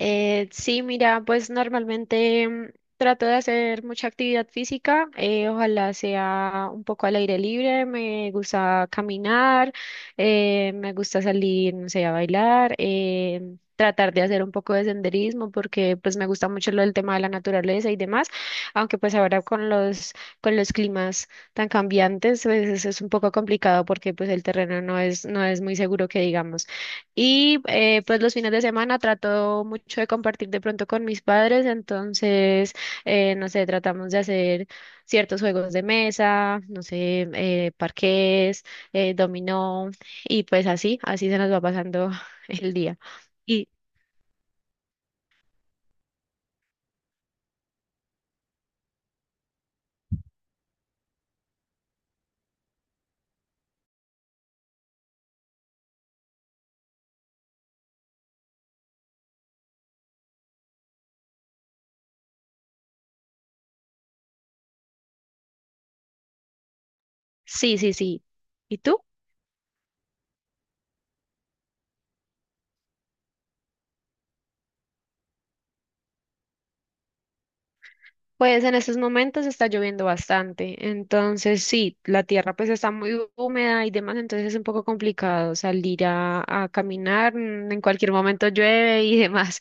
Sí, mira, pues normalmente trato de hacer mucha actividad física, ojalá sea un poco al aire libre, me gusta caminar, me gusta salir, no sé, a bailar, tratar de hacer un poco de senderismo porque pues me gusta mucho lo del tema de la naturaleza y demás, aunque pues ahora con los climas tan cambiantes, pues eso es un poco complicado porque pues el terreno no es muy seguro que digamos. Pues los fines de semana trato mucho de compartir de pronto con mis padres, entonces, no sé, tratamos de hacer ciertos juegos de mesa, no sé, parqués, dominó, y pues así, así se nos va pasando el día. Y sí, sí, sí. ¿Y tú? Pues en estos momentos está lloviendo bastante, entonces sí, la tierra pues está muy húmeda y demás, entonces es un poco complicado salir a caminar, en cualquier momento llueve y demás.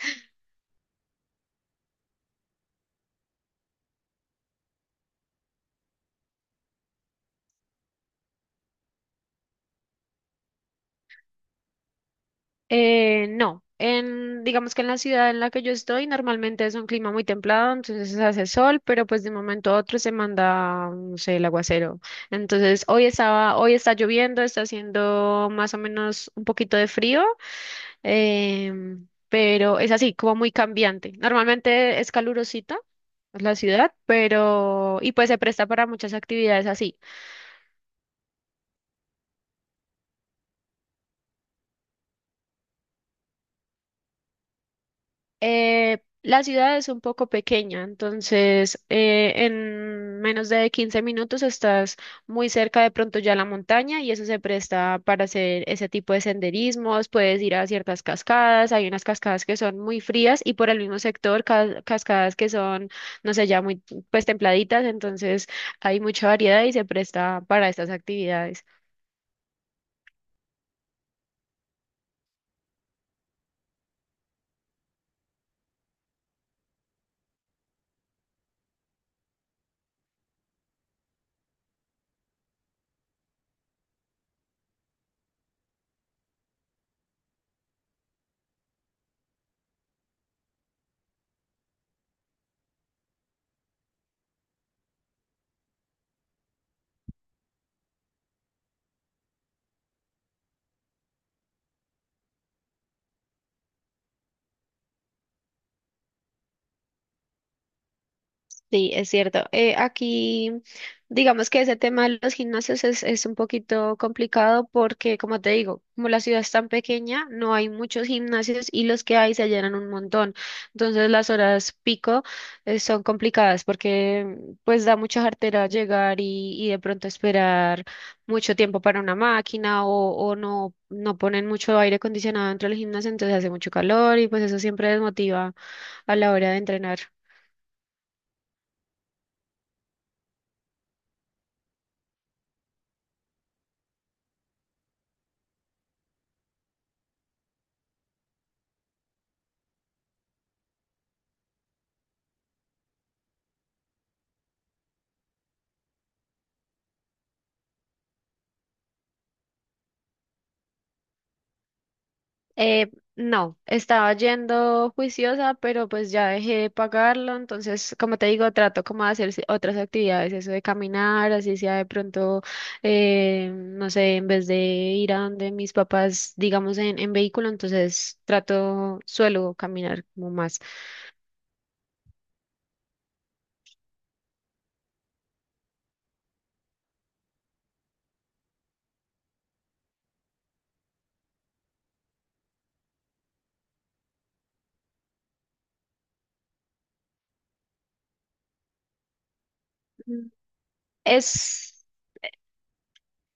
No, en, digamos que en la ciudad en la que yo estoy normalmente es un clima muy templado, entonces hace sol, pero pues de un momento a otro se manda, no sé, el aguacero. Entonces hoy está lloviendo, está haciendo más o menos un poquito de frío, pero es así, como muy cambiante. Normalmente es calurosita la ciudad, pero y pues se presta para muchas actividades así. La ciudad es un poco pequeña, entonces en menos de 15 minutos estás muy cerca de pronto ya a la montaña y eso se presta para hacer ese tipo de senderismos, puedes ir a ciertas cascadas, hay unas cascadas que son muy frías y por el mismo sector cascadas que son, no sé, ya muy pues templaditas, entonces hay mucha variedad y se presta para estas actividades. Sí, es cierto. Aquí, digamos que ese tema de los gimnasios es un poquito complicado porque, como te digo, como la ciudad es tan pequeña, no hay muchos gimnasios y los que hay se llenan un montón. Entonces las horas pico, son complicadas porque pues da mucha jartera llegar y de pronto esperar mucho tiempo para una máquina o no, no ponen mucho aire acondicionado dentro del gimnasio, entonces hace mucho calor y pues eso siempre desmotiva a la hora de entrenar. Eh, no, estaba yendo juiciosa, pero pues ya dejé de pagarlo, entonces, como te digo, trato como de hacer otras actividades, eso de caminar, así sea de pronto, no sé, en vez de ir a donde mis papás, digamos, en vehículo, entonces trato, suelo caminar como más. Mm. Es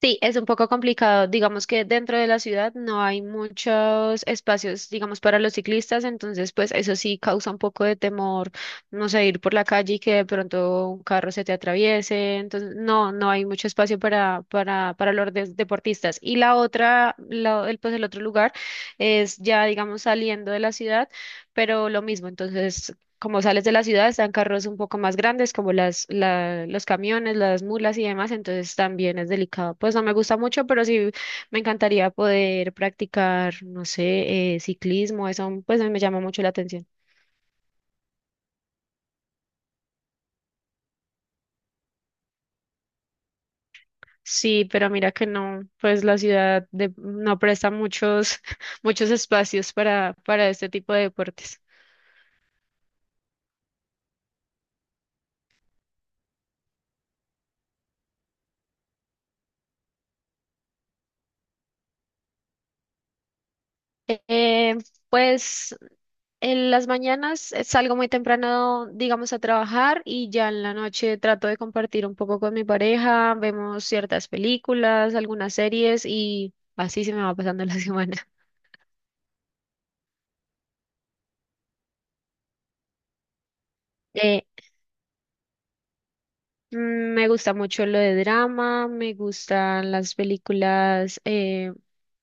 sí, es un poco complicado. Digamos que dentro de la ciudad no hay muchos espacios, digamos, para los ciclistas, entonces pues eso sí causa un poco de temor, no sé, ir por la calle y que de pronto un carro se te atraviese. Entonces, no, no hay mucho espacio para los deportistas. Y la otra, el, pues el otro lugar es ya, digamos, saliendo de la ciudad, pero lo mismo. Entonces, como sales de la ciudad, están carros un poco más grandes, como las, los camiones, las mulas y demás, entonces también es delicado. Pues no me gusta mucho, pero sí me encantaría poder practicar, no sé, ciclismo, eso pues me llama mucho la atención. Sí, pero mira que no, pues la ciudad no presta muchos, muchos espacios para este tipo de deportes. Eh, pues en las mañanas salgo muy temprano, digamos, a trabajar y ya en la noche trato de compartir un poco con mi pareja, vemos ciertas películas, algunas series y así se me va pasando la semana. Eh, mm, Me gusta mucho lo de drama, me gustan las películas,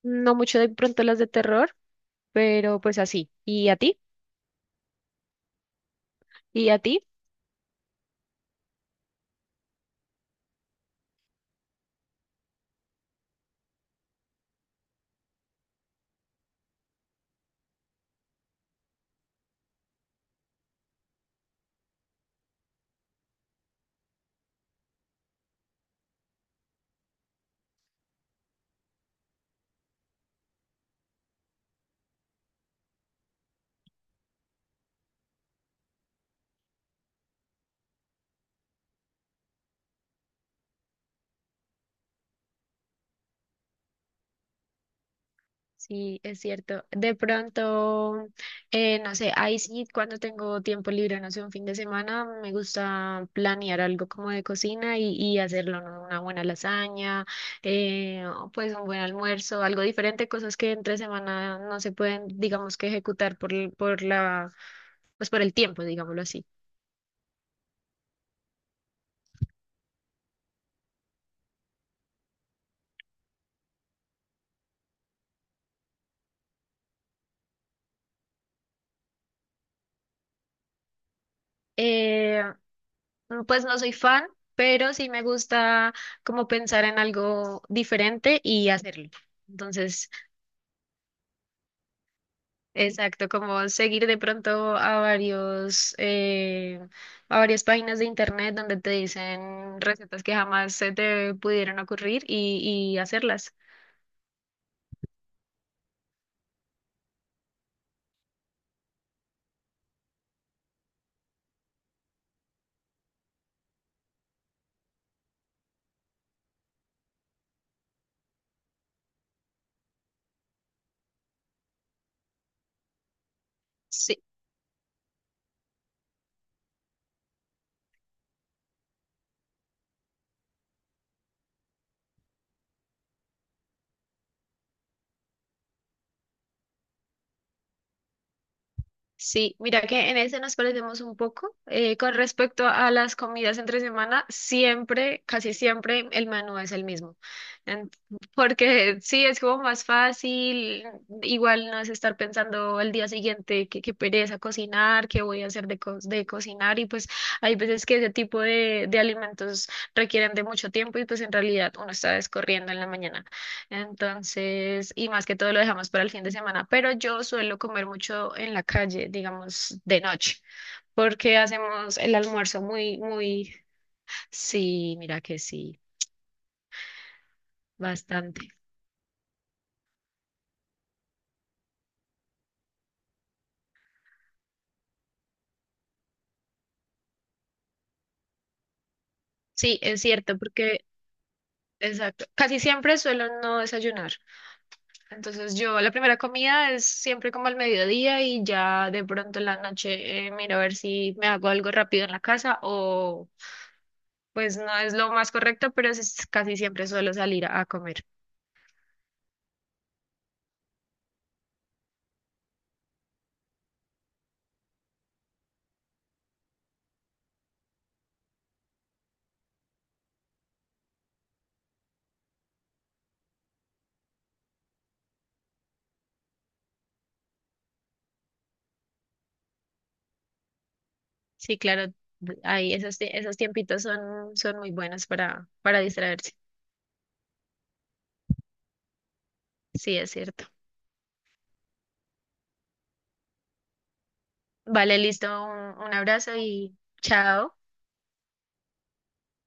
no mucho de pronto las de terror, pero pues así. ¿Y a ti? ¿Y a ti? Sí, es cierto. De pronto, no sé, ahí sí, cuando tengo tiempo libre, no sé, un fin de semana, me gusta planear algo como de cocina y hacerlo, ¿no? Una buena lasaña, o pues un buen almuerzo, algo diferente, cosas que entre semana no se pueden, digamos que ejecutar por, por la, pues por el tiempo, digámoslo así. Eh, pues no soy fan, pero sí me gusta como pensar en algo diferente y hacerlo. Entonces... Exacto, como seguir de pronto a varios, a varias páginas de internet donde te dicen recetas que jamás se te pudieron ocurrir y hacerlas. Sí, mira que en ese nos parecemos un poco. Con respecto a las comidas entre semana, siempre, casi siempre, el menú es el mismo. En- Porque sí, es como más fácil, igual no es estar pensando el día siguiente qué pereza cocinar, qué voy a hacer de cocinar. Y pues hay veces que ese tipo de alimentos requieren de mucho tiempo y pues en realidad uno está descorriendo en la mañana. Entonces, y más que todo lo dejamos para el fin de semana, pero yo suelo comer mucho en la calle, digamos, de noche, porque hacemos el almuerzo muy, muy, sí, mira que sí, bastante. Sí, es cierto, porque, exacto, casi siempre suelo no desayunar. Entonces, yo la primera comida es siempre como al mediodía y ya de pronto en la noche miro a ver si me hago algo rápido en la casa o pues no es lo más correcto, pero es, casi siempre suelo salir a comer. Sí, claro, ahí esos, esos tiempitos son, son muy buenos para distraerse. Sí, es cierto. Vale, listo, un abrazo y chao.